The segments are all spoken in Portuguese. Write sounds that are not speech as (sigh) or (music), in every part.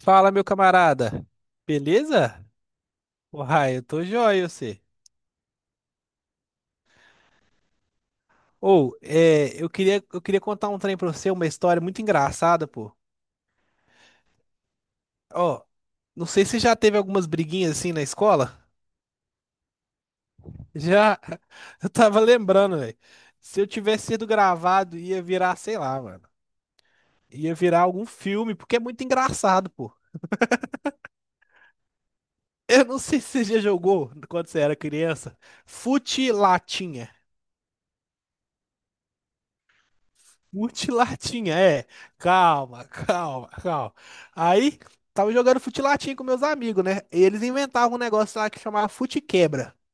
Fala, meu camarada. Beleza? Uai, eu tô joia, você. Eu queria contar um trem pra você, uma história muito engraçada, pô. Ó, não sei se já teve algumas briguinhas assim na escola. Já, (laughs) eu tava lembrando, velho. Se eu tivesse sido gravado, ia virar, sei lá, mano. Ia virar algum filme, porque é muito engraçado, pô. (laughs) Eu não sei se você já jogou, quando você era criança, fute latinha. Futilatinha, é. Calma, (laughs) calma, calma. Aí, tava jogando futilatinha com meus amigos, né? E eles inventavam um negócio lá que chamava fute-quebra. (laughs)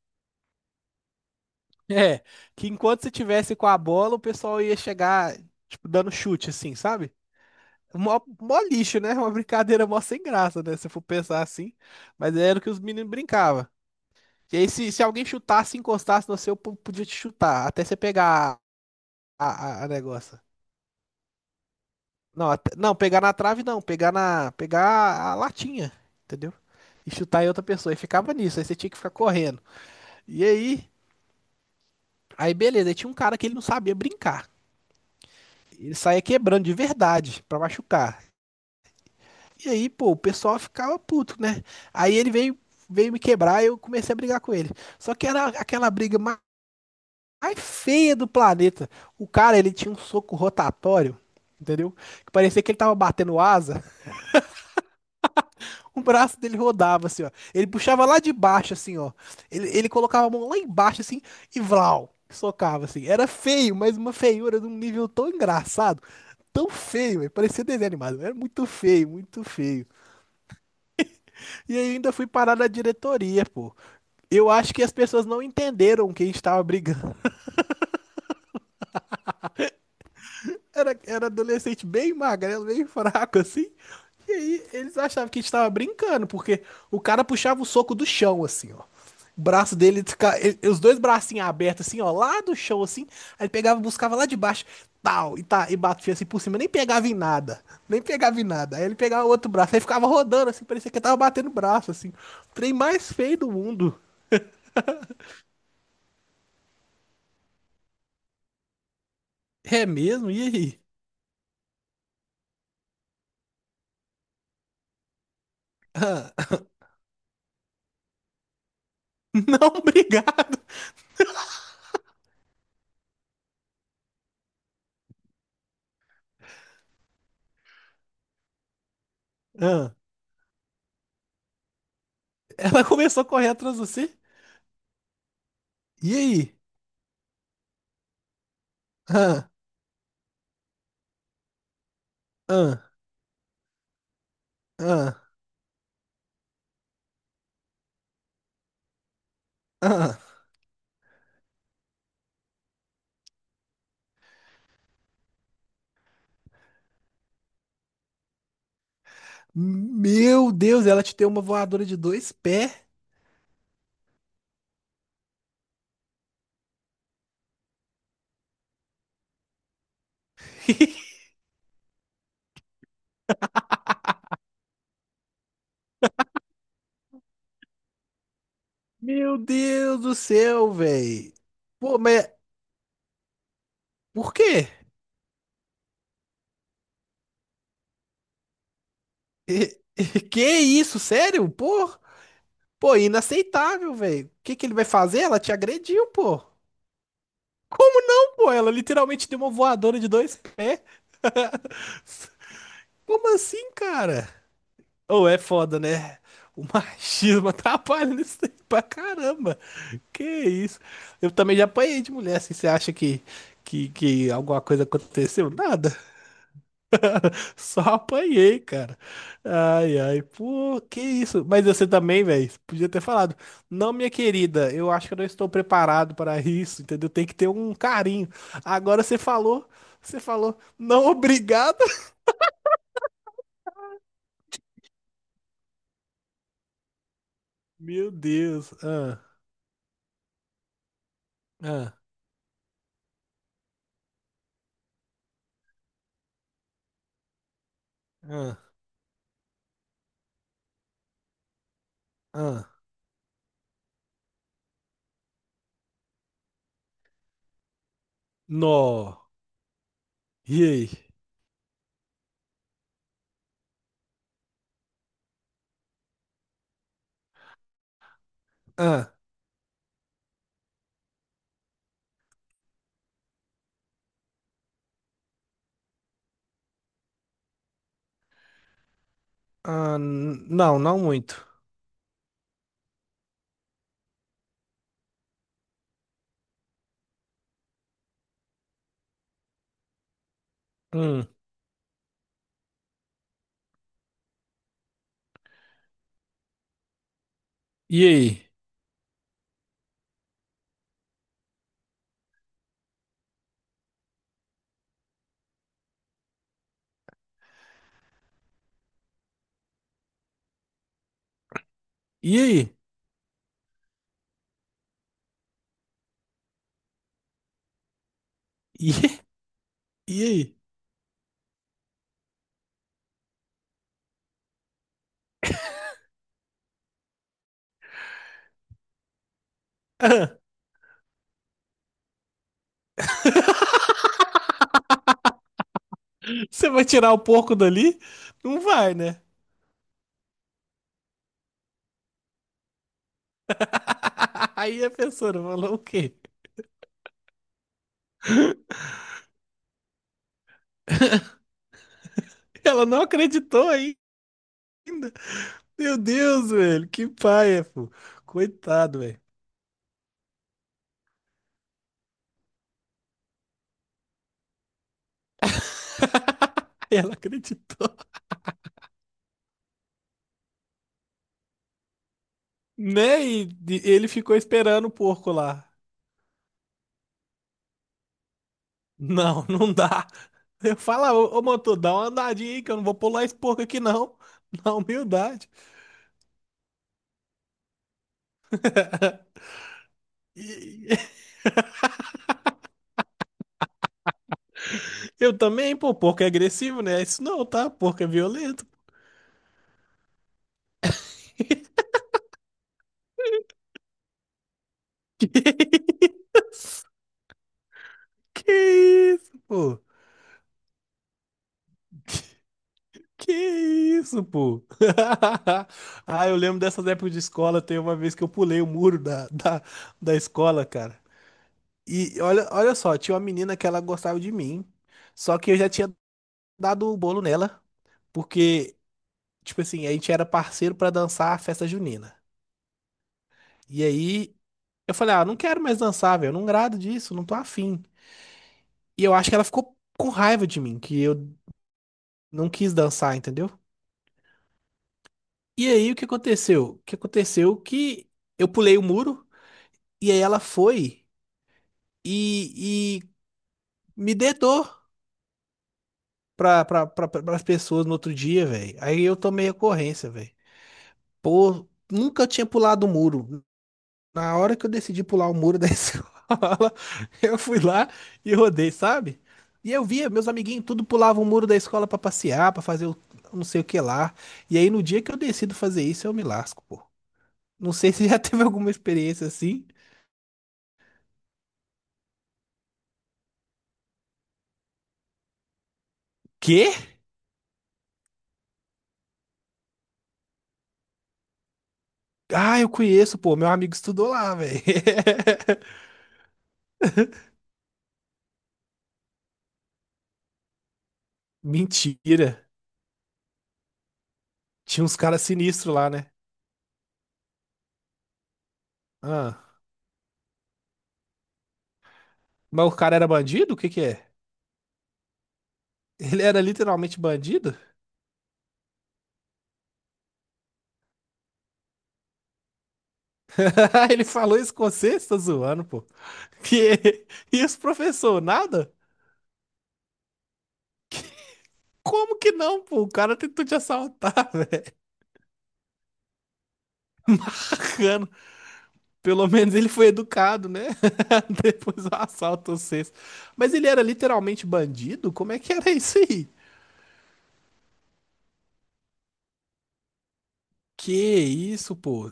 É, que enquanto você tivesse com a bola, o pessoal ia chegar, tipo, dando chute, assim, sabe? Mó, mó lixo, né? (laughs) Uma brincadeira mó sem graça, né? Se for pensar assim. Mas era o que os meninos brincavam. E aí, se alguém chutasse, encostasse no seu, podia te chutar, até você pegar a negócio. Não, pegar na trave não, pegar na, pegar a latinha, entendeu? E chutar em outra pessoa. E ficava nisso, aí você tinha que ficar correndo. E aí, aí beleza, aí tinha um cara que ele não sabia brincar. Ele saía quebrando de verdade pra machucar. E aí, pô, o pessoal ficava puto, né? Aí ele veio, veio me quebrar e eu comecei a brigar com ele. Só que era aquela mais feia do planeta. O cara, ele tinha um soco rotatório, entendeu? Que parecia que ele tava batendo asa. O braço dele rodava, assim, ó. Ele puxava lá de baixo, assim, ó. Ele colocava a mão lá embaixo, assim, e vlau, socava, assim. Era feio, mas uma feiura de um nível tão engraçado, tão feio, velho. Parecia desenho animado. Era muito feio, muito feio. E aí ainda fui parar na diretoria, pô. Eu acho que as pessoas não entenderam que a gente tava brigando. Era adolescente bem magrelo, bem (laughs) fraco, assim. E aí eles achavam que a gente tava brincando, porque o cara puxava o soco do chão, assim, ó. O braço dele, os dois bracinhos abertos, assim, ó, lá do chão, assim. Aí ele pegava, buscava lá de baixo, tal, e, tá, e batia assim por cima, nem pegava em nada. Nem pegava em nada. Aí ele pegava o outro braço, aí ficava rodando, assim, parecia que ele tava batendo o braço, assim. O trem mais feio do mundo. É mesmo? E aí? Ah, (laughs) não, obrigado. Ah, ela começou a correr atrás de você? E aí? Ah, ah, ah, ah. Meu Deus, ela te deu uma voadora de dois pés? (laughs) Meu Deus do céu, véi. Pô, mas por quê? (laughs) Que isso, sério? Pô, pô, inaceitável, véi. O que que ele vai fazer? Ela te agrediu, pô. Como não, pô? Ela literalmente deu uma voadora de dois pés. Como assim, cara? Ou é foda, né? O machismo (laughs) atrapalha nisso aí pra caramba. Que isso? Eu também já apanhei de mulher, assim, você acha que, que alguma coisa aconteceu? Nada, (laughs) só apanhei, cara. Ai, ai, pô, que isso? Mas você também, velho, podia ter falado. Não, minha querida, eu acho que eu não estou preparado para isso, entendeu? Tem que ter um carinho. Agora você falou, não, obrigado. Meu Deus. Ah, ah, ah, ah. Nó. E aí? Ah, ah, não, não muito. Hum. E aí? E aí? E, e aí? (laughs) Ah, Você vai tirar o porco dali? Não vai, né? (laughs) Aí a professora falou o quê? Ela não acreditou ainda. Meu Deus, velho, que paia, pô. Coitado, velho. (laughs) Aí ela acreditou, né? E ele ficou esperando o porco lá. Não, (laughs) não dá. Eu falo, ô, ô motor, dá uma andadinha aí que eu não vou pular esse porco aqui, não. (laughs) Na humildade. E- (laughs) eu também, pô, porco é agressivo, né? Isso não, tá? Porco é violento. Que isso, pô? Que isso, pô? (laughs) Ah, eu lembro dessas épocas de escola. Tem uma vez que eu pulei o muro da escola, cara. E olha, olha só, tinha uma menina que ela gostava de mim. Só que eu já tinha dado o bolo nela. Porque, tipo assim, a gente era parceiro pra dançar a festa junina. E aí eu falei, ah, não quero mais dançar, velho. Eu não grado disso, não tô afim. E eu acho que ela ficou com raiva de mim, que eu não quis dançar, entendeu? E aí, o que aconteceu? O que aconteceu que eu pulei o muro e aí ela foi e me dedou pra as pessoas no outro dia, velho. Aí eu tomei ocorrência, velho. Pô, nunca eu tinha pulado o muro. Na hora que eu decidi pular o muro da (laughs) escola, eu fui lá e rodei, sabe? E eu via, meus amiguinhos tudo pulavam o muro da escola pra passear, pra fazer o não sei o que lá. E aí, no dia que eu decido fazer isso, eu me lasco, pô. Não sei se (laughs) já teve alguma experiência assim. Quê? Ah, eu conheço, pô. Meu amigo estudou lá, velho. (laughs) Mentira. Tinha uns caras sinistros lá, né? Ah. Mas o cara era bandido? O que que é? Ele era literalmente bandido? (laughs) Ele falou isso com você? Você tá zoando, pô. (laughs) Que? E os professor, nada? Como que não, pô? O cara tentou te assaltar, (laughs) velho. Cano. Pelo menos ele foi educado, né? (laughs) Depois do assalto vocês. Mas ele era literalmente bandido? Como é que era isso aí? Que isso, pô?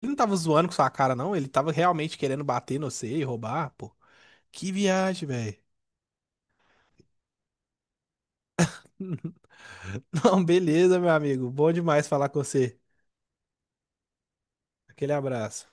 Ele não tava zoando com sua cara, não. Ele tava realmente querendo bater no você e roubar, pô. Que viagem, velho. (laughs) Não, beleza, meu amigo. Bom demais falar com você. Aquele abraço.